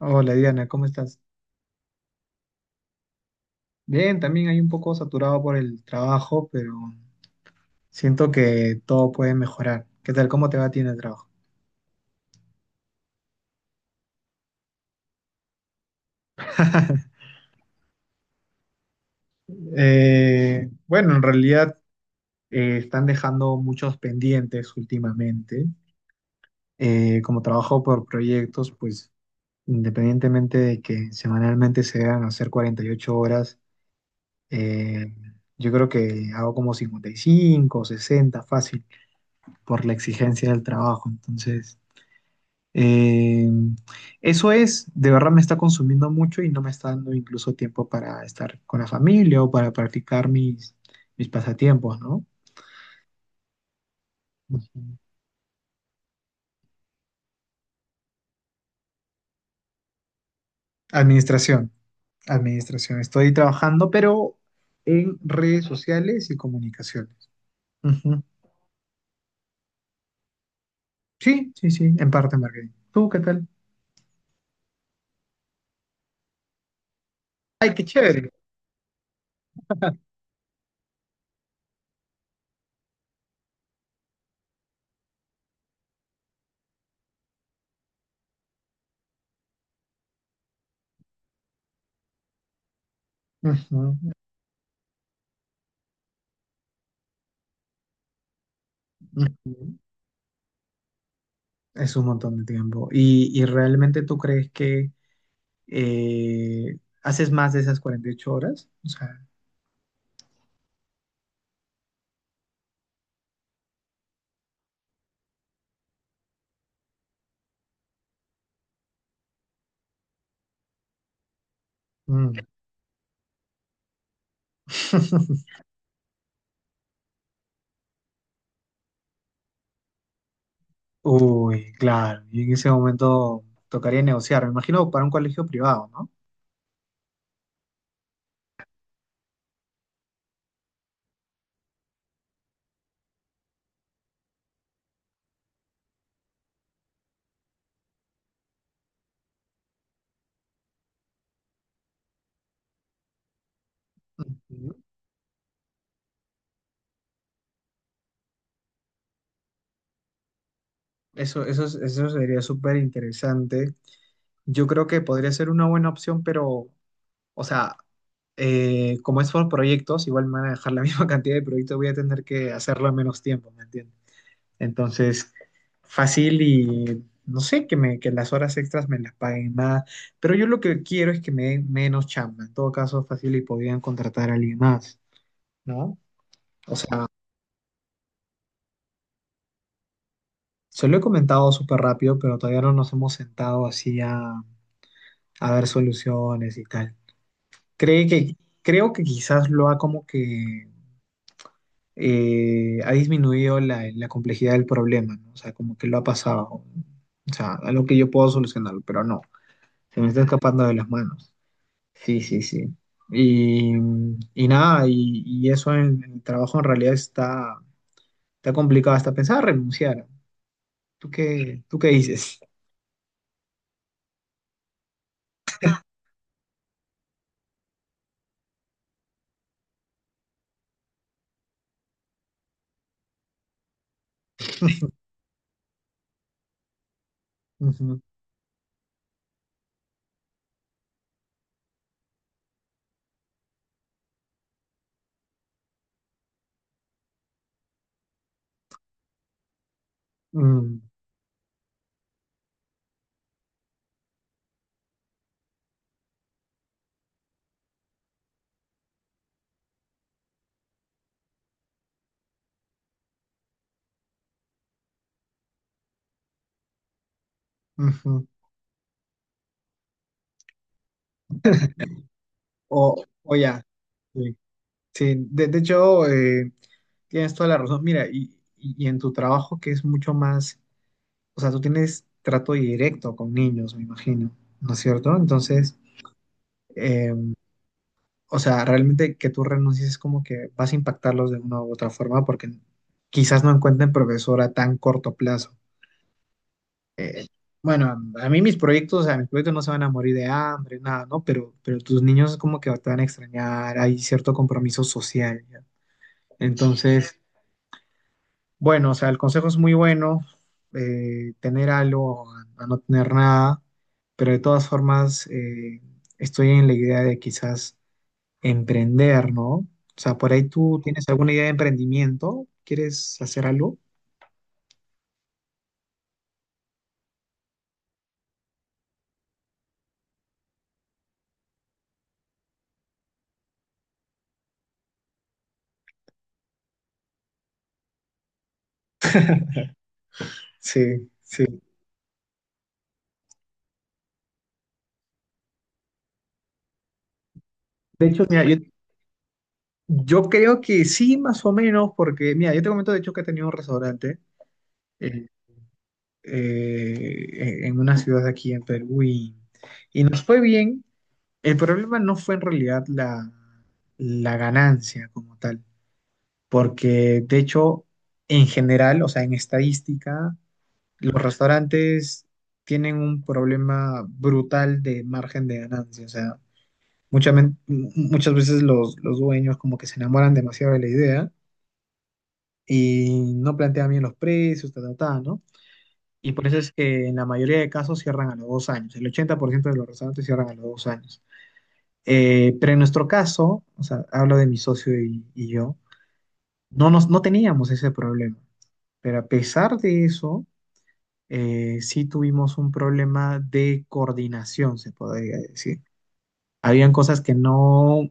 Hola Diana, ¿cómo estás? Bien, también hay un poco saturado por el trabajo, pero siento que todo puede mejorar. ¿Qué tal? ¿Cómo te va a ti en el trabajo? Bueno, en realidad están dejando muchos pendientes últimamente. Como trabajo por proyectos, pues independientemente de que semanalmente se deban hacer 48 horas, eh, yo creo que hago como 55, 60, fácil por la exigencia del trabajo. Entonces. Eh, eso es, de verdad me está consumiendo mucho y no me está dando incluso tiempo para estar con la familia o para practicar mis pasatiempos, ¿no? Ujú. Administración, administración. Estoy trabajando, pero en redes sociales y comunicaciones. Ujú. Sí, sí, sí, en parte marketing. ¿Tú qué tal? Ay, qué chévere. Ujú, ujú. Es un montón de tiempo. ¿Y realmente tú crees que eh, haces más de esas 48 horas? O sea. Mm. Uy, claro. Y en ese momento tocaría negociar. Me imagino para un colegio privado, ¿no? Ujú. Eso sería súper interesante. Yo creo que podría ser una buena opción, pero, o sea, como es por proyectos, igual me van a dejar la misma cantidad de proyectos, voy a tener que hacerlo en menos tiempo, ¿me entiendes? Entonces, fácil y no sé, que las horas extras me las paguen más. Pero yo lo que quiero es que me den menos chamba. En todo caso, fácil y podrían contratar a alguien más, ¿no? O sea, se lo he comentado súper rápido, pero todavía no nos hemos sentado así a ver soluciones y tal. Cree que, creo que quizás lo ha como que ha disminuido la complejidad del problema, ¿no? O sea, como que lo ha pasado. O sea, algo que yo puedo solucionarlo, pero no. Se me está escapando de las manos. Sí, sí, sí. Y, y nada, y eso en el trabajo en realidad está complicado. Hasta pensar renunciar. ¿Tú qué dices? Ujú, mm, ujú. O ya. Sí, sí. De hecho, tienes toda la razón. Mira, y en tu trabajo que es mucho más, o sea, tú tienes trato directo con niños, me imagino, ¿no es cierto? Entonces, eh, o sea, realmente que tú renuncies es como que vas a impactarlos de una u otra forma porque quizás no encuentren profesora a tan corto plazo. Eh, bueno, a mí mis proyectos, o sea, mis proyectos no se van a morir de hambre, nada, ¿no? Pero tus niños como que te van a extrañar, hay cierto compromiso social, ¿ya? Entonces, bueno, o sea, el consejo es muy bueno, tener algo a, no tener nada, pero de todas formas estoy en la idea de quizás emprender, ¿no? O sea, por ahí tú tienes alguna idea de emprendimiento, ¿quieres hacer algo? Sí, sí. De hecho, mira, yo creo que sí, más o menos, porque, mira, yo te comento de hecho que he tenido un restaurante, eh, en una ciudad de aquí en Perú, y nos fue bien. El problema no fue en realidad la ganancia como tal, porque de hecho, en general, o sea, en estadística los restaurantes tienen un problema brutal de margen de ganancia. O sea, muchas veces los dueños como que se enamoran demasiado de la idea y no plantean bien los precios, ta, ta, ta, ¿no? Y por eso es que en la mayoría de casos cierran a los 2 años. El 80% de los restaurantes cierran a los 2 años. Pero en nuestro caso, o sea, hablo de mi socio y yo, no teníamos ese problema. Pero a pesar de eso, sí tuvimos un problema de coordinación, se podría decir. Habían cosas que no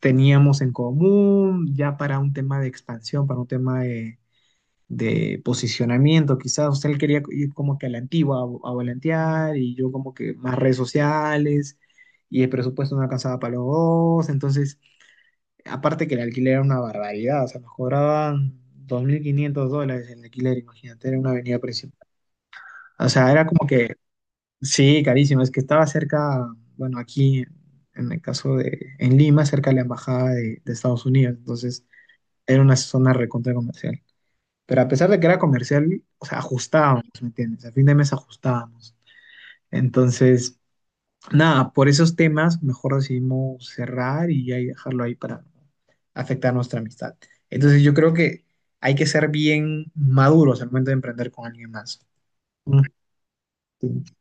teníamos en común, ya para un tema de expansión, para un tema de posicionamiento, quizás usted él quería ir como que a la antigua, a volantear, y yo como que más redes sociales, y el presupuesto no alcanzaba para los dos, entonces, aparte que el alquiler era una barbaridad, o sea, nos cobraban $2,500 el alquiler, imagínate, era una avenida principal. O sea, era como que. Sí, carísimo. Es que estaba cerca, bueno, aquí en el caso en Lima, cerca de la embajada de Estados Unidos. Entonces, era una zona recontra comercial. Pero a pesar de que era comercial, o sea, ajustábamos, ¿me entiendes? A fin de mes ajustábamos. Entonces, nada, por esos temas, mejor decidimos cerrar y ahí dejarlo ahí para no afectar nuestra amistad. Entonces, yo creo que hay que ser bien maduros al momento de emprender con alguien más. Ujú.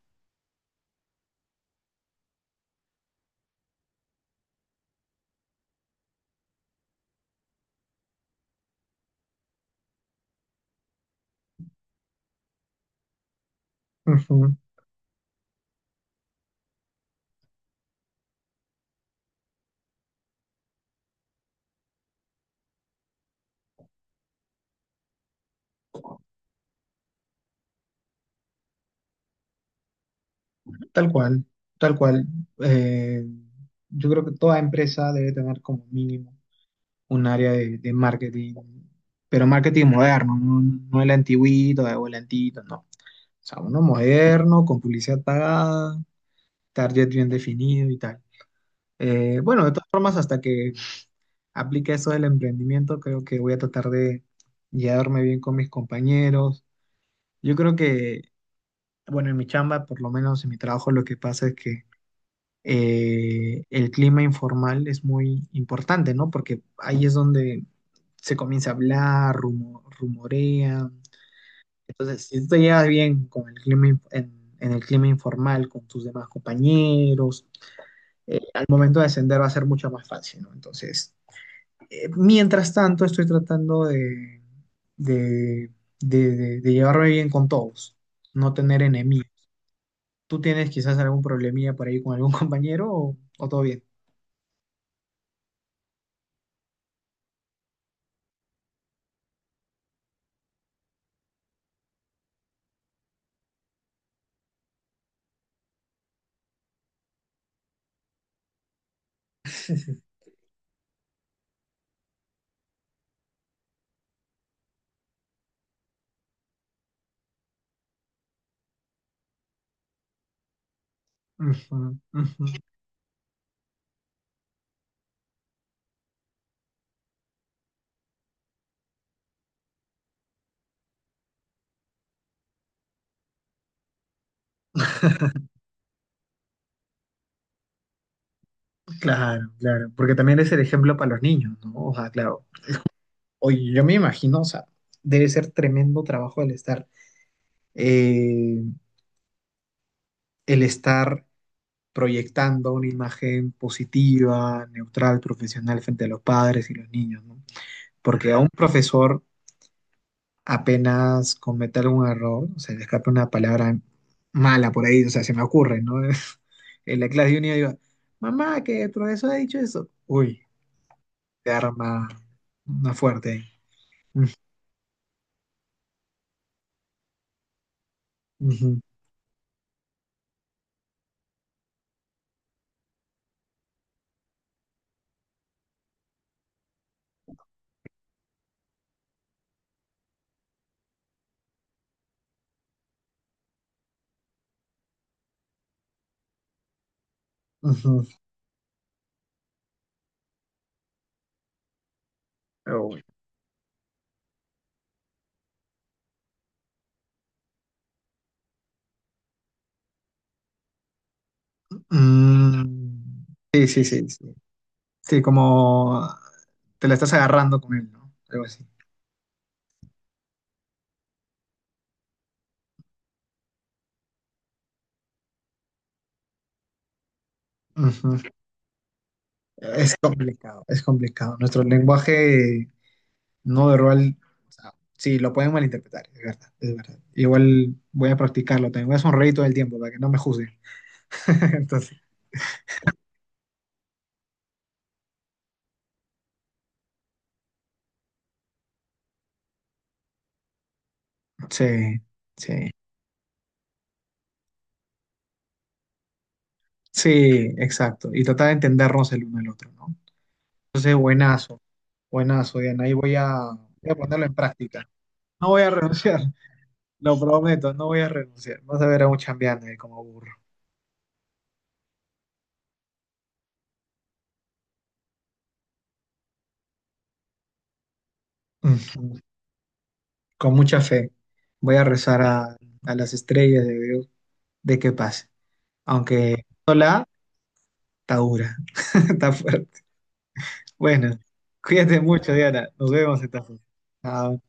Ujú. Tal cual, tal cual. Eh, yo creo que toda empresa debe tener como mínimo un área de marketing, pero marketing moderno, no, no el antiguito o el antiguito, no. O sea, uno moderno, con publicidad pagada, target bien definido y tal. Bueno, de todas formas, hasta que aplique eso del emprendimiento, creo que voy a tratar de llevarme bien con mis compañeros. Yo creo que, bueno, en mi chamba, por lo menos en mi trabajo, lo que pasa es que el clima informal es muy importante, ¿no? Porque ahí es donde se comienza a hablar, rumorea. Entonces, si tú te llevas bien con el clima, en el clima informal, con tus demás compañeros, al momento de ascender va a ser mucho más fácil, ¿no? Entonces, mientras tanto, estoy tratando de, de llevarme bien con todos, no tener enemigos. ¿Tú tienes quizás algún problemilla por ahí con algún compañero o todo bien? Ujú, ujú. Claro, claro, porque también es el ejemplo para los niños, ¿no? O sea, claro, oye, yo me imagino, o sea, debe ser tremendo trabajo el estar, eh, el estar proyectando una imagen positiva, neutral, profesional frente a los padres y los niños, ¿no? Porque a un profesor apenas cometa algún error, o sea, le escapa una palabra mala por ahí, o sea, se me ocurre, ¿no? En la clase de unidad digo, mamá, que el profesor ha dicho eso. Uy, te arma una fuerte. Mm, ujú, ujú. Pero bueno. Mm, sí, sí, sí, sí. Sí, como te la estás agarrando con él, ¿no? Algo así. Ujú. Es complicado, es complicado. Nuestro lenguaje no verbal, o sea, sí, lo pueden malinterpretar, es verdad, es verdad. Igual voy a practicarlo también, voy a sonreír todo el tiempo para que no me juzguen. Entonces, sí, sí, sí, exacto. Y tratar de entendernos el uno al otro, ¿no? Buenazo. Buenazo, Diana. Ahí voy a ponerlo en práctica. No voy a renunciar, lo prometo, no voy a renunciar. Vas a ver a un chambeando ahí como burro. Ujú. Con mucha fe. Voy a rezar a las estrellas de Dios de que pase. Aunque no la está dura, está fuerte. Bueno, cuídate mucho, Diana. Nos vemos esta vez. Chao.